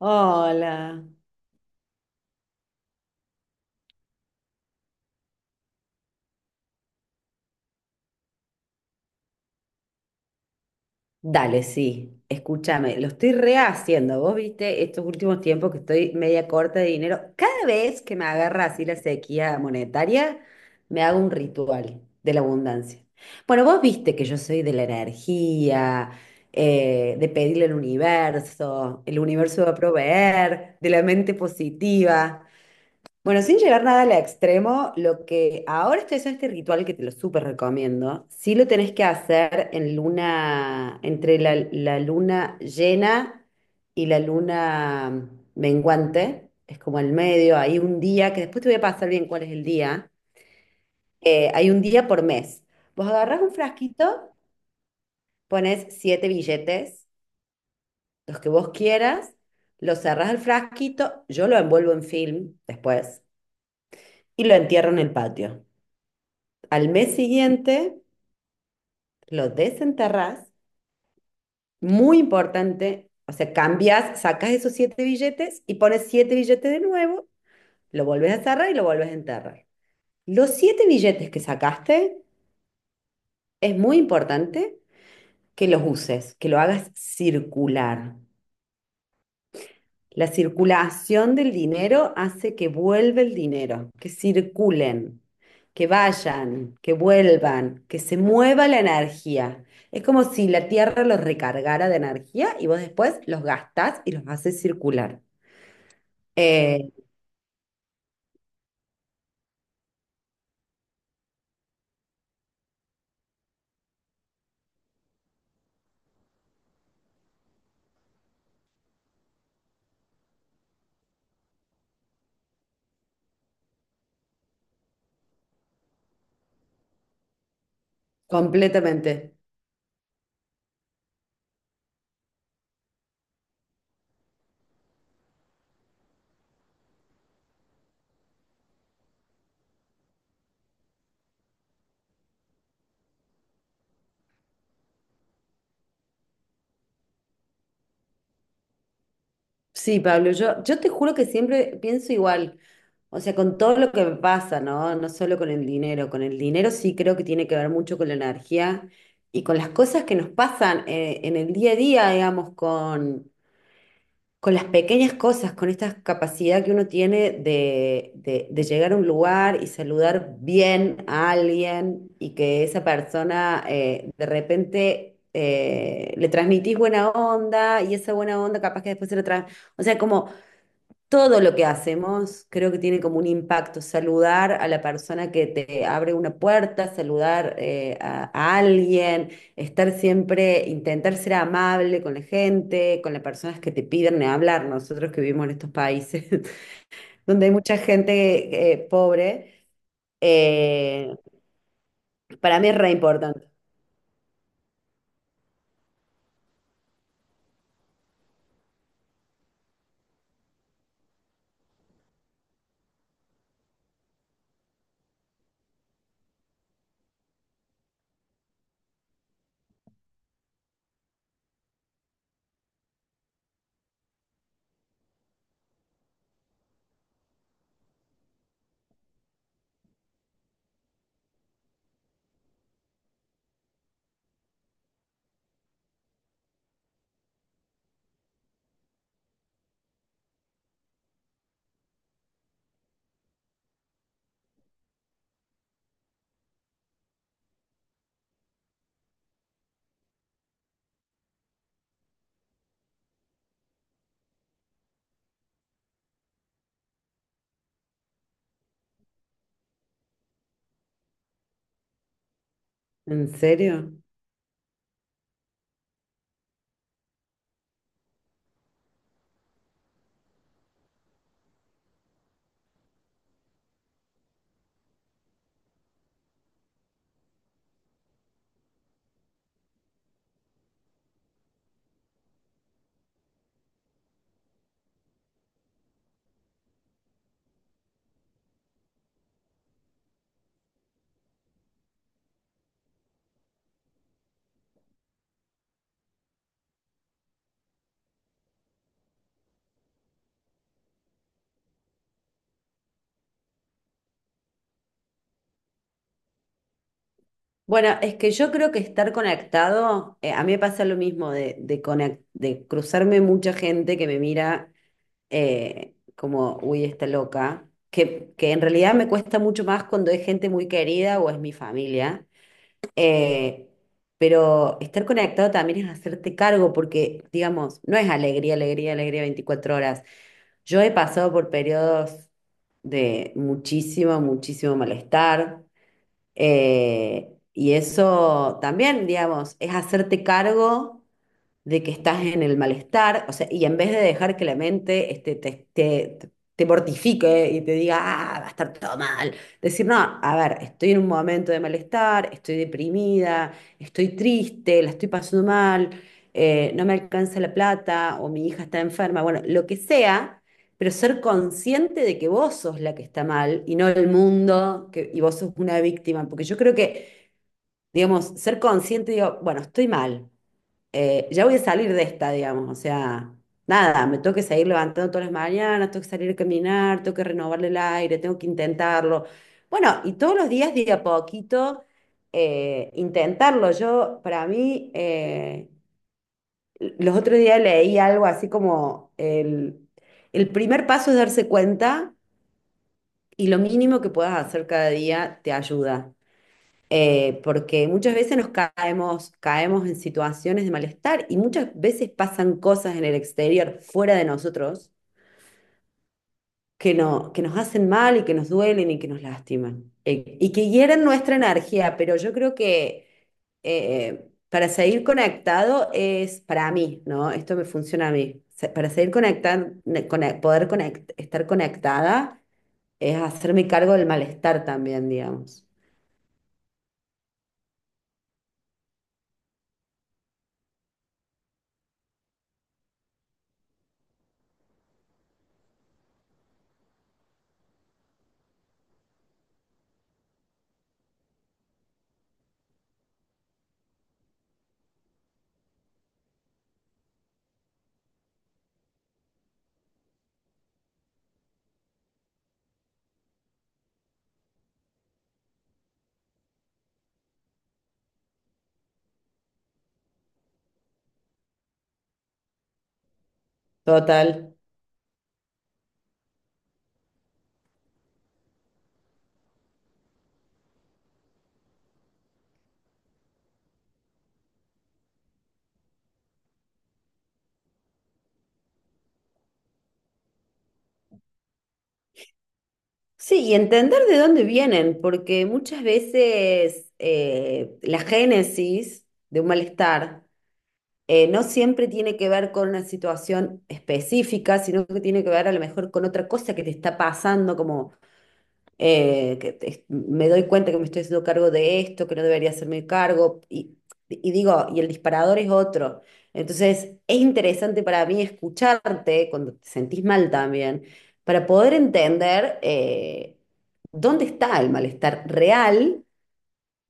Hola. Dale, sí. Escúchame, lo estoy rehaciendo. Vos viste estos últimos tiempos que estoy media corta de dinero. Cada vez que me agarra así la sequía monetaria, me hago un ritual de la abundancia. Bueno, vos viste que yo soy de la energía, de pedirle al universo, el universo va a proveer, de la mente positiva. Bueno, sin llegar nada al extremo, lo que ahora estoy haciendo este ritual que te lo súper recomiendo, sí lo tenés que hacer en luna, entre la luna llena y la luna menguante, es como el medio, hay un día, que después te voy a pasar bien cuál es el día, hay un día por mes. Vos agarrás un frasquito, pones siete billetes, los que vos quieras, los cerrás al frasquito, yo lo envuelvo en film después y lo entierro en el patio. Al mes siguiente lo desenterrás, muy importante, o sea, cambias, sacas esos siete billetes y pones siete billetes de nuevo, lo volvés a cerrar y lo volvés a enterrar. Los siete billetes que sacaste, es muy importante que los uses, que lo hagas circular. La circulación del dinero hace que vuelva el dinero, que circulen, que vayan, que vuelvan, que se mueva la energía. Es como si la Tierra los recargara de energía y vos después los gastás y los haces circular. Eh, completamente. Sí, Pablo, yo te juro que siempre pienso igual, o sea, con todo lo que me pasa, ¿no? No solo con el dinero sí creo que tiene que ver mucho con la energía y con las cosas que nos pasan en el día a día, digamos, con, las pequeñas cosas, con esta capacidad que uno tiene de llegar a un lugar y saludar bien a alguien y que esa persona de repente. Eh, le transmitís buena onda y esa buena onda capaz que después se lo trae. O sea, como todo lo que hacemos creo que tiene como un impacto. Saludar a la persona que te abre una puerta, saludar a alguien, estar siempre, intentar ser amable con la gente, con las personas que te piden hablar. Nosotros que vivimos en estos países donde hay mucha gente pobre, eh, para mí es re importante. ¿En serio? Bueno, es que yo creo que estar conectado, a mí me pasa lo mismo de cruzarme mucha gente que me mira como, uy, está loca, que en realidad me cuesta mucho más cuando es gente muy querida o es mi familia, eh, pero estar conectado también es hacerte cargo porque, digamos, no es alegría, alegría, alegría 24 horas. Yo he pasado por periodos de muchísimo, muchísimo malestar, y eso también, digamos, es hacerte cargo de que estás en el malestar, o sea, y en vez de dejar que la mente este, te mortifique y te diga, ah, va a estar todo mal, decir, no, a ver, estoy en un momento de malestar, estoy deprimida, estoy triste, la estoy pasando mal, no me alcanza la plata o mi hija está enferma, bueno, lo que sea, pero ser consciente de que vos sos la que está mal y no el mundo que, y vos sos una víctima, porque yo creo que, digamos, ser consciente, digo, bueno, estoy mal, ya voy a salir de esta, digamos, o sea, nada, me tengo que seguir levantando todas las mañanas, tengo que salir a caminar, tengo que renovarle el aire, tengo que intentarlo. Bueno, y todos los días, de a poquito, intentarlo. Yo, para mí, los otros días leí algo así como el, primer paso es darse cuenta y lo mínimo que puedas hacer cada día te ayuda, porque muchas veces nos caemos, caemos en situaciones de malestar y muchas veces pasan cosas en el exterior, fuera de nosotros, que, no, que nos hacen mal y que nos duelen y que nos lastiman, y que hieren nuestra energía. Pero yo creo que para seguir conectado es para mí, ¿no? Esto me funciona a mí. Para seguir conectando, estar conectada es hacerme cargo del malestar también, digamos. Total. Sí, y entender de dónde vienen, porque muchas veces la génesis de un malestar no siempre tiene que ver con una situación específica, sino que tiene que ver a lo mejor con otra cosa que te está pasando, como me doy cuenta que me estoy haciendo cargo de esto, que no debería hacerme cargo, y digo, y el disparador es otro. Entonces, es interesante para mí escucharte cuando te sentís mal también, para poder entender dónde está el malestar real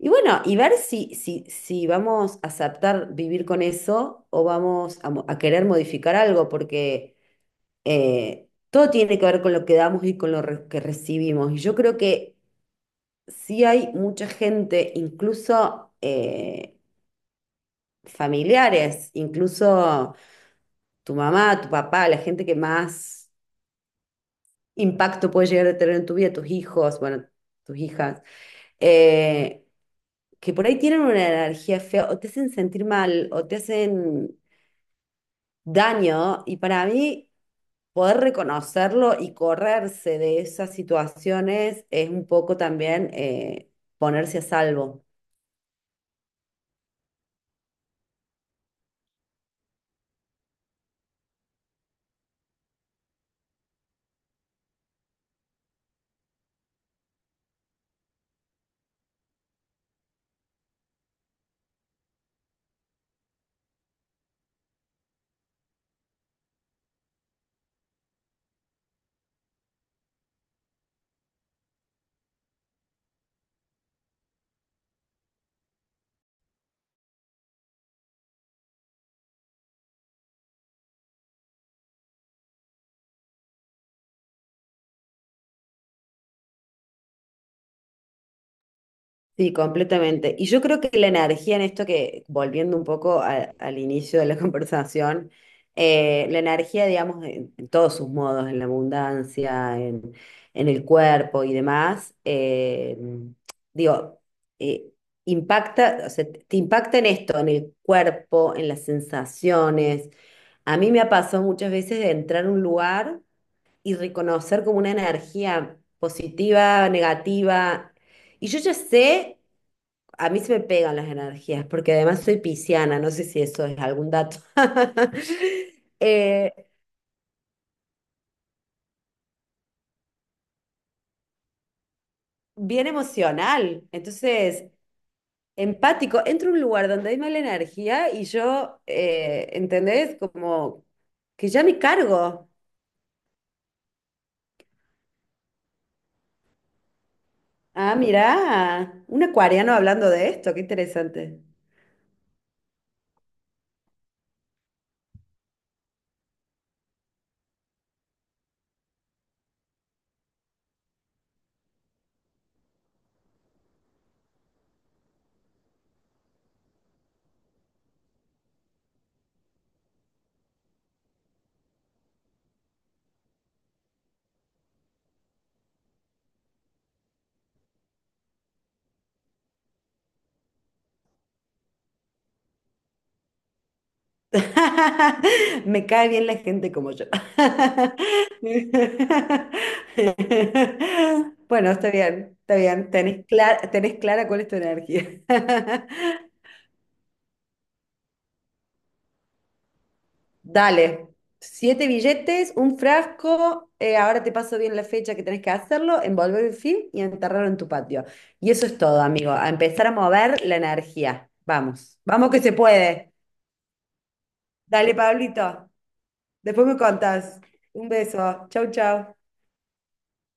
y bueno, y ver si, vamos a aceptar vivir con eso o vamos a querer modificar algo, porque. Eh, todo tiene que ver con lo que damos y con lo que recibimos. Y yo creo que sí hay mucha gente, incluso familiares, incluso tu mamá, tu papá, la gente que más impacto puede llegar a tener en tu vida, tus hijos, bueno, tus hijas, eh, que por ahí tienen una energía fea o te hacen sentir mal o te hacen daño y para mí poder reconocerlo y correrse de esas situaciones es un poco también, ponerse a salvo. Sí, completamente. Y yo creo que la energía en esto que, volviendo un poco al inicio de la conversación, la energía, digamos, en, todos sus modos, en la abundancia, en el cuerpo y demás, digo, eh, impacta, o sea, te impacta en esto, en el cuerpo, en las sensaciones. A mí me ha pasado muchas veces de entrar a un lugar y reconocer como una energía positiva, negativa. Y yo ya sé, a mí se me pegan las energías, porque además soy pisciana, no sé si eso es algún dato. Eh, bien emocional, entonces empático. Entro a un lugar donde hay mala energía y yo, ¿entendés? Como que ya me cargo. Ah, mirá, un acuariano hablando de esto, qué interesante. Me cae bien la gente como yo. Bueno, está bien, está bien. Tenés clara cuál es tu energía. Dale. Siete billetes, un frasco. Ahora te paso bien la fecha que tenés que hacerlo, envolver el film y enterrarlo en tu patio. Y eso es todo, amigo. A empezar a mover la energía. Vamos, vamos que se puede. Dale, Pablito. Después me contás. Un beso. Chau, chau.